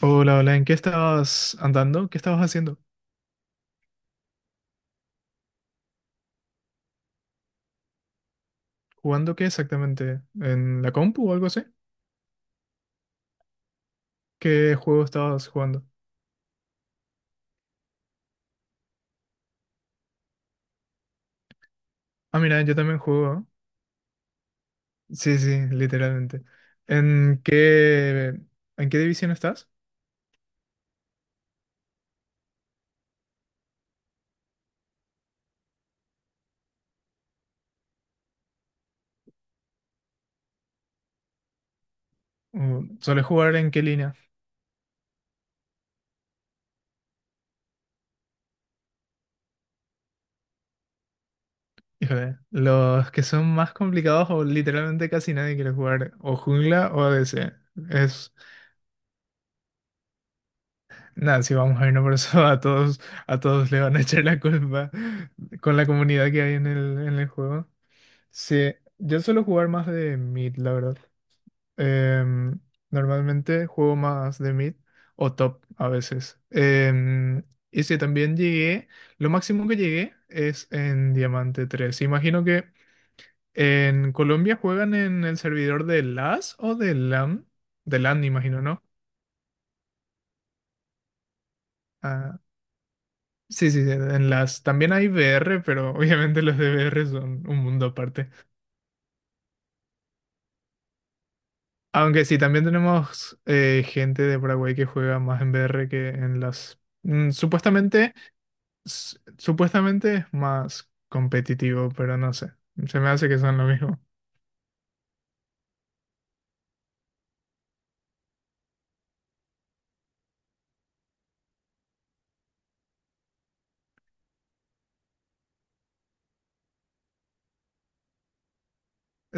Hola, hola, ¿en qué estabas andando? ¿Qué estabas haciendo? ¿Jugando qué exactamente? ¿En la compu o algo así? ¿Qué juego estabas jugando? Ah, mira, yo también juego, ¿no? Sí, sí, literalmente. ¿En qué, en qué división estás? Mm, ¿sueles jugar en qué línea? Híjole, los que son más complicados o literalmente casi nadie quiere jugar o jungla o ADC. Es, nada, si vamos a irnos por eso, a todos le van a echar la culpa con la comunidad que hay en el juego. Sí, yo suelo jugar más de mid, la verdad. Em, normalmente juego más de mid o top a veces. Y sí, también llegué, lo máximo que llegué es en Diamante 3. Imagino que en Colombia juegan en el servidor de LAS o de LAN. De LAN, imagino, ¿no? Ah, sí, sí, sí, en LAS. También hay VR, pero obviamente los de VR son un mundo aparte. Aunque sí, también tenemos gente de Paraguay que juega más en VR que en las... supuestamente, supuestamente es más competitivo, pero no sé. Se me hace que son lo mismo.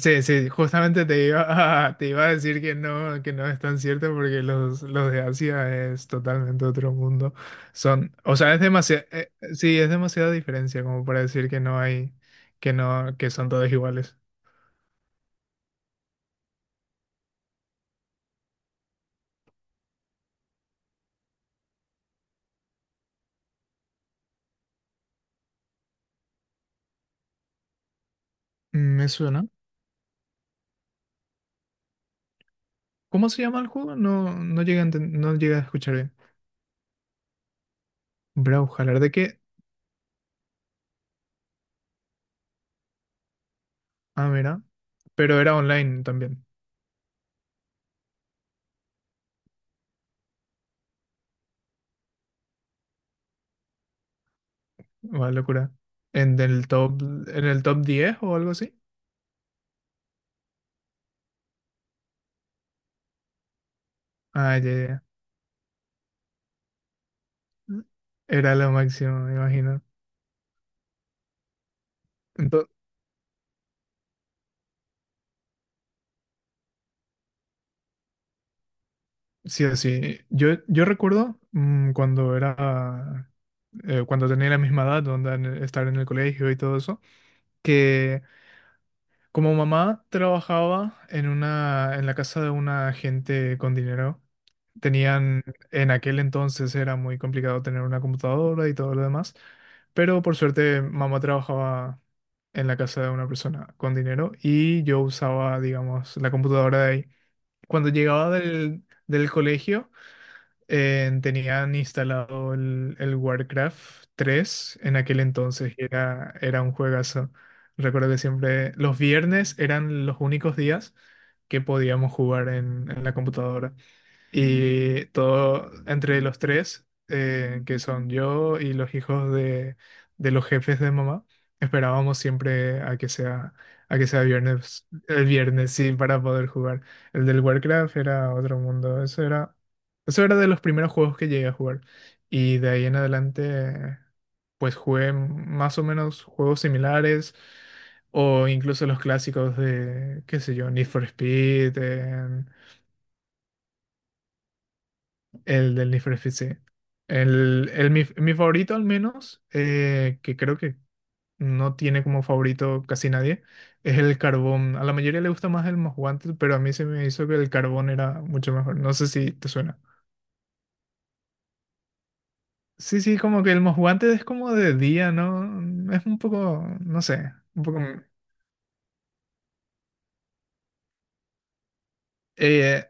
Sí, sí, justamente te iba a, te iba a decir que no es tan cierto porque los de Asia es totalmente otro mundo. Son, o sea, es demasiado, sí, es demasiada diferencia como para decir que no hay, que no, que son todos iguales. Mm, me suena. ¿Cómo se llama el juego? No, no llegué a, no llegué a escuchar bien. Brawlhalla, ¿de qué? Ah, mira. Pero era online también. Una locura. ¿En el top, en el top 10 o algo así? Ah, ya, ya, ya. Era lo máximo, me imagino. Entonces, sí, sí. Yo recuerdo cuando era, cuando tenía la misma edad, donde estar en el colegio y todo eso, que como mamá trabajaba en una, en la casa de una gente con dinero. Tenían, en aquel entonces era muy complicado tener una computadora y todo lo demás, pero por suerte mamá trabajaba en la casa de una persona con dinero y yo usaba, digamos, la computadora de ahí. Cuando llegaba del, del colegio, tenían instalado el Warcraft 3 en aquel entonces y era, era un juegazo. Recuerdo que siempre los viernes eran los únicos días que podíamos jugar en la computadora. Y todo entre los tres, que son yo y los hijos de los jefes de mamá, esperábamos siempre a que sea viernes, el viernes, sí, para poder jugar. El del Warcraft era otro mundo, eso era de los primeros juegos que llegué a jugar. Y de ahí en adelante, pues jugué más o menos juegos similares, o incluso los clásicos de, qué sé yo, Need for Speed, el del Need for Speed, sí. El, mi favorito al menos, que creo que no tiene como favorito casi nadie, es el Carbón. A la mayoría le gusta más el Most Wanted, pero a mí se me hizo que el Carbón era mucho mejor. No sé si te suena. Sí, sí, como que el Most Wanted es como de día, ¿no? Es un poco, no sé, un poco... eh,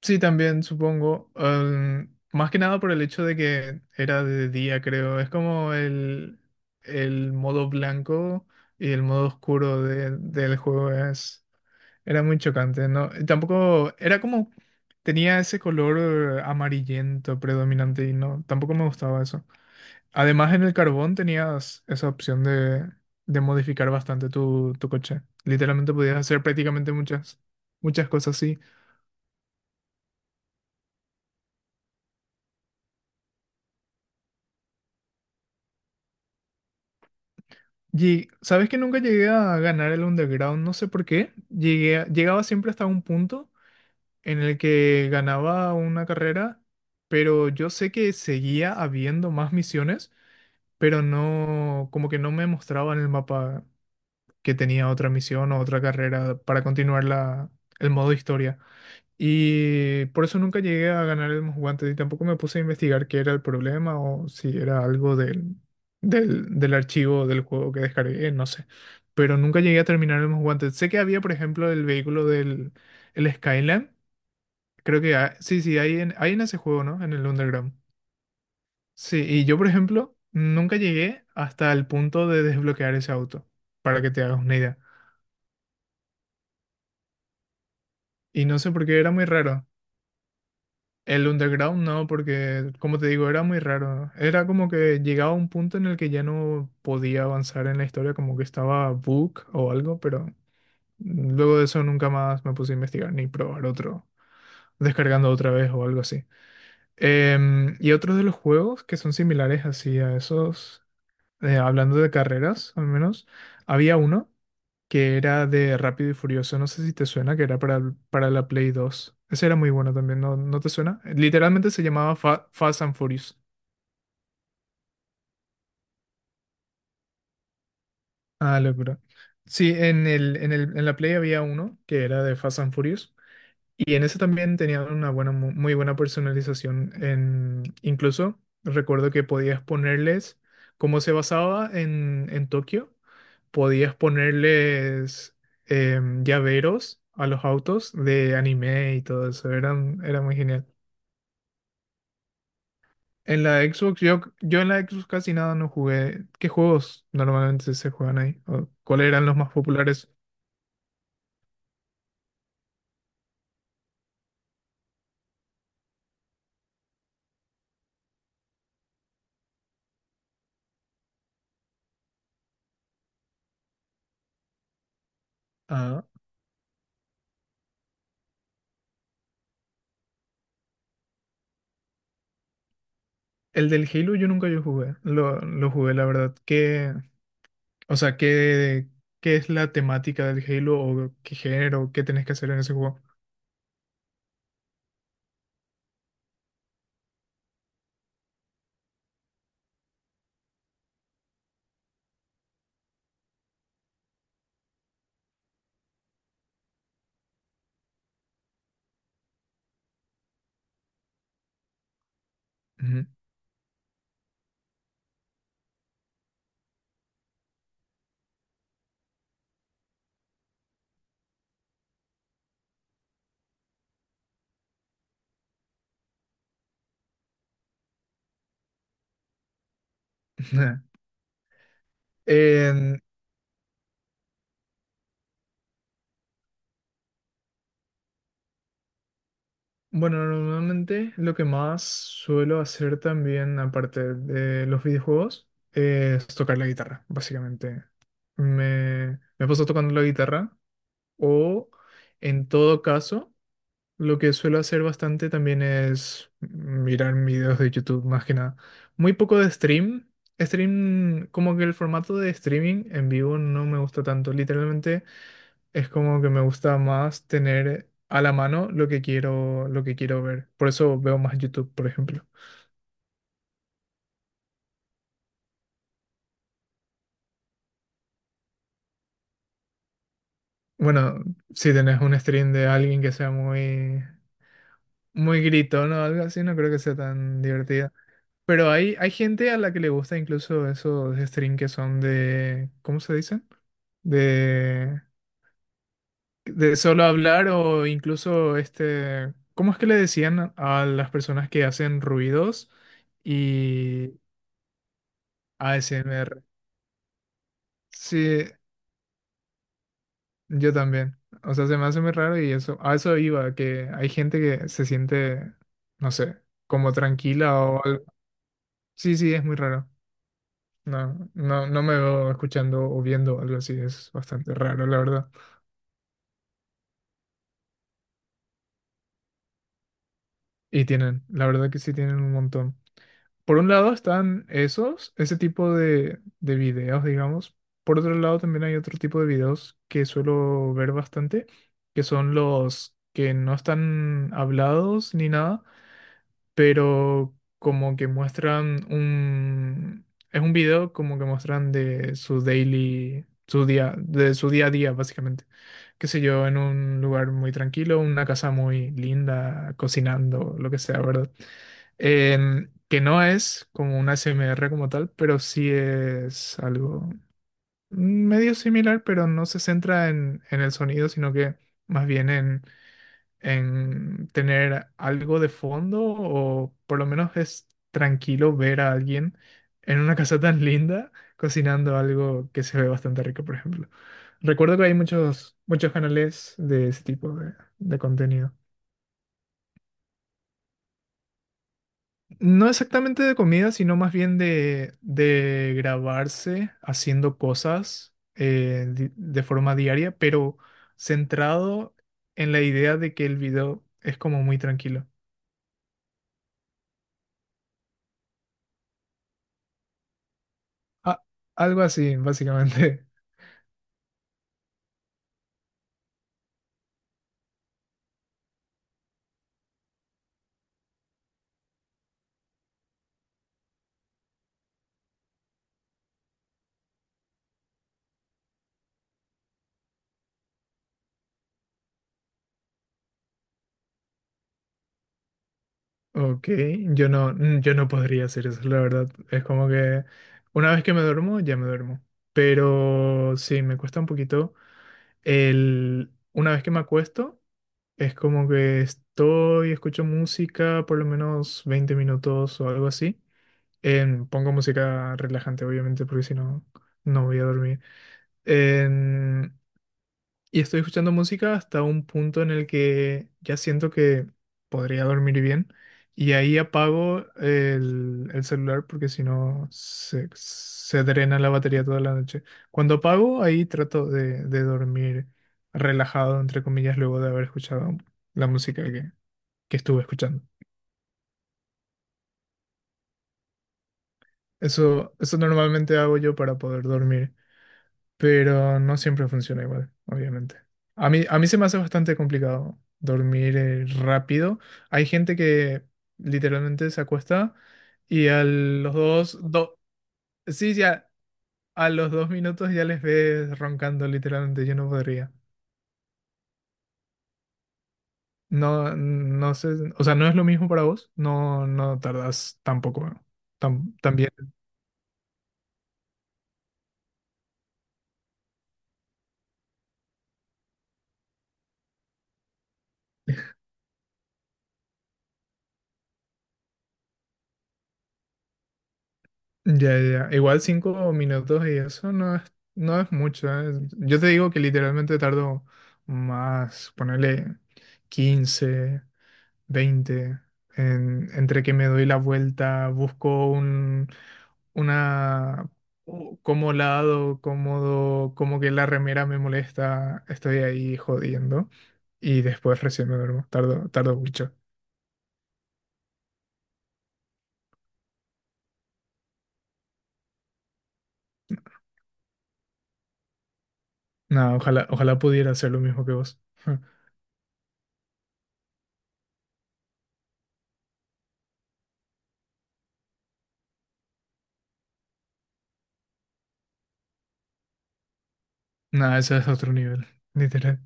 Sí, también supongo. Más que nada por el hecho de que era de día, creo. Es como el modo blanco y el modo oscuro del juego es, era muy chocante, ¿no? Y tampoco era como tenía ese color amarillento predominante y no, tampoco me gustaba eso. Además, en el carbón tenías esa opción de modificar bastante tu, tu coche. Literalmente podías hacer prácticamente muchas, muchas cosas así. Y sabes que nunca llegué a ganar el underground, no sé por qué. Llegaba siempre hasta un punto en el que ganaba una carrera, pero yo sé que seguía habiendo más misiones, pero no, como que no me mostraba en el mapa que tenía otra misión o otra carrera para continuar la, el modo historia. Y por eso nunca llegué a ganar el guantes y tampoco me puse a investigar qué era el problema o si era algo del, del, del archivo del juego que descargué, no sé. Pero nunca llegué a terminar el guantes. Sé que había, por ejemplo, el vehículo del el Skyline. Creo que sí, sí, hay en, hay en ese juego, ¿no? En el Underground. Sí, y yo, por ejemplo, nunca llegué hasta el punto de desbloquear ese auto, para que te hagas una idea. Y no sé por qué, era muy raro. El underground no, porque como te digo, era muy raro. Era como que llegaba a un punto en el que ya no podía avanzar en la historia, como que estaba book o algo, pero luego de eso nunca más me puse a investigar ni probar otro, descargando otra vez o algo así. Y otros de los juegos que son similares así a esos, hablando de carreras al menos, había uno que era de Rápido y Furioso, no sé si te suena, que era para la Play 2. Ese era muy bueno también, ¿no, no te suena? Literalmente se llamaba Fast and Furious. Ah, locura. Sí, en el, en el, en la Play había uno que era de Fast and Furious. Y en eso también tenían una buena, muy buena personalización. Incluso recuerdo que podías ponerles, como se basaba en Tokio, podías ponerles llaveros a los autos de anime y todo eso. Era muy genial. En la Xbox, yo en la Xbox casi nada no jugué. ¿Qué juegos normalmente se juegan ahí? ¿O cuáles eran los más populares? Ah, el del Halo yo nunca yo jugué. Lo jugué, la verdad. O sea, ¿qué es la temática del Halo o qué género, qué tenés que hacer en ese juego? Ujú. En- bueno, normalmente lo que más suelo hacer también, aparte de los videojuegos, es tocar la guitarra, básicamente. Me paso tocando la guitarra o, en todo caso, lo que suelo hacer bastante también es mirar videos de YouTube, más que nada. Muy poco de stream. Stream, como que el formato de streaming en vivo no me gusta tanto. Literalmente es como que me gusta más tener a la mano lo que quiero ver. Por eso veo más YouTube, por ejemplo. Bueno, si tenés un stream de alguien que sea muy, muy gritón o algo así, no creo que sea tan divertida. Pero hay gente a la que le gusta incluso esos streams que son de, ¿cómo se dice? de, de solo hablar o incluso este, ¿cómo es que le decían a las personas que hacen ruidos y ASMR? Sí, yo también. O sea, se me hace muy raro y eso, a eso iba, que hay gente que se siente, no sé, como tranquila o algo. Sí, sí, es muy raro. No, no, no me veo escuchando o viendo algo así, es bastante raro, la verdad. Y tienen, la verdad que sí tienen un montón. Por un lado están esos, ese tipo de videos, digamos. Por otro lado también hay otro tipo de videos que suelo ver bastante, que son los que no están hablados ni nada, pero como que muestran un... Es un video como que muestran de su daily, su día, de su día a día, básicamente. Qué sé yo, en un lugar muy tranquilo, una casa muy linda, cocinando, lo que sea, ¿verdad? Que no es como una ASMR como tal, pero sí es algo medio similar, pero no se centra en el sonido, sino que más bien en tener algo de fondo o por lo menos es tranquilo ver a alguien en una casa tan linda cocinando algo que se ve bastante rico, por ejemplo. Recuerdo que hay muchos, muchos canales de ese tipo de contenido. No exactamente de comida, sino más bien de grabarse haciendo cosas de forma diaria, pero centrado en la idea de que el video es como muy tranquilo. Ah, algo así, básicamente. Ok, yo no, mm, yo no podría hacer eso, la verdad. Es como que una vez que me duermo, ya me duermo. Pero sí, me cuesta un poquito. El, una vez que me acuesto, es como que estoy, escucho música por lo menos 20 minutos o algo así. Pongo música relajante, obviamente, porque si no, no voy a dormir. Em, Y estoy escuchando música hasta un punto en el que ya siento que podría dormir bien. Y ahí apago el celular porque si no se drena la batería toda la noche. Cuando apago, ahí trato de dormir relajado, entre comillas, luego de haber escuchado la música que estuve escuchando. Eso normalmente hago yo para poder dormir, pero no siempre funciona igual, obviamente. A mí se me hace bastante complicado dormir rápido. Hay gente que literalmente se acuesta y a los dos, do- sí, ya a los 2 minutos ya les ves roncando, literalmente. Yo no podría. No, no sé, o sea, no es lo mismo para vos. No, no tardas tampoco, también. Ya, ya. Igual 5 minutos y eso no es, no es mucho, ¿eh? Yo te digo que literalmente tardo más, ponerle 15, 20 entre que me doy la vuelta, busco un, una, como lado, cómodo, como que la remera me molesta, estoy ahí jodiendo y después recién me duermo, tardo, tardo mucho. Nada, ojalá, ojalá pudiera hacer lo mismo que vos. Nada, ese es otro nivel, literal.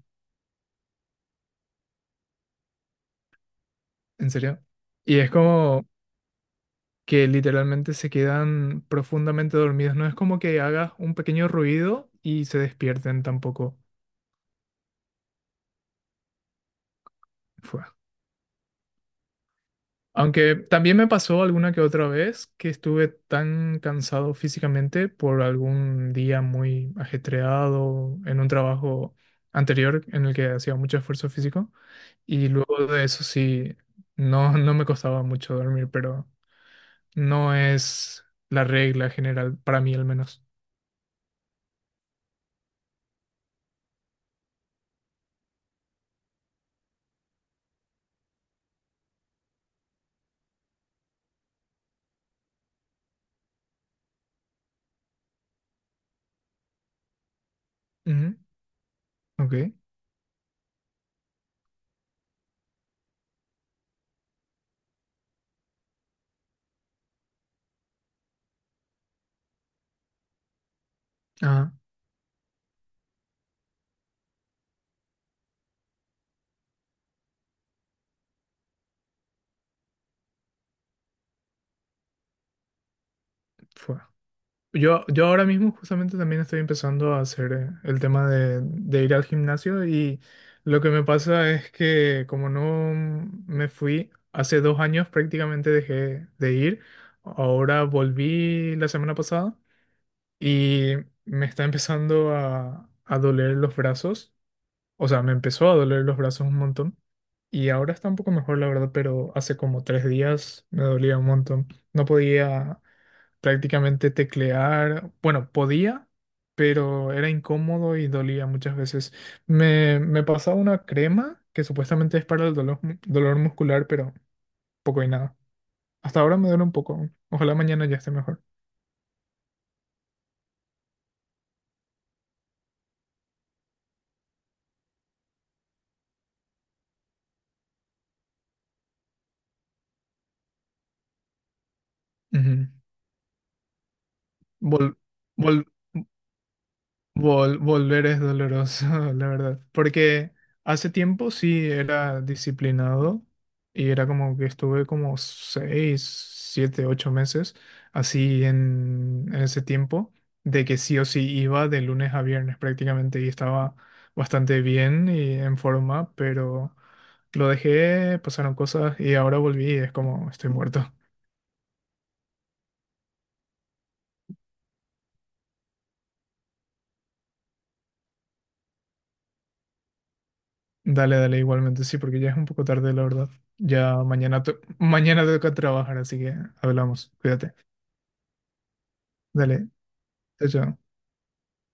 ¿En serio? Y es como que literalmente se quedan profundamente dormidos. No es como que hagas un pequeño ruido y se despierten tampoco. Fue. Aunque también me pasó alguna que otra vez que estuve tan cansado físicamente por algún día muy ajetreado en un trabajo anterior en el que hacía mucho esfuerzo físico. Y luego de eso sí, no, no me costaba mucho dormir, pero no es la regla general, para mí al menos. Ujú. Ok. Ah, fue. Yo ahora mismo justamente también estoy empezando a hacer el tema de ir al gimnasio y lo que me pasa es que como no me fui hace 2 años, prácticamente dejé de ir, ahora volví la semana pasada y me está empezando a doler los brazos, o sea, me empezó a doler los brazos un montón y ahora está un poco mejor la verdad, pero hace como 3 días me dolía un montón. No podía prácticamente teclear, bueno, podía, pero era incómodo y dolía muchas veces. Me pasaba una crema que supuestamente es para el dolor, dolor muscular, pero poco y nada. Hasta ahora me duele un poco. Ojalá mañana ya esté mejor. Ujú. Vol- vol- volver es doloroso, la verdad. Porque hace tiempo sí era disciplinado y era como que estuve como seis, siete, ocho meses así en ese tiempo, de que sí o sí iba de lunes a viernes prácticamente y estaba bastante bien y en forma, pero lo dejé, pasaron cosas y ahora volví y es como estoy muerto. Dale, dale, igualmente, sí, porque ya es un poco tarde, la verdad. Ya mañana, mañana toca trabajar, así que hablamos. Cuídate. Dale, chao, chao.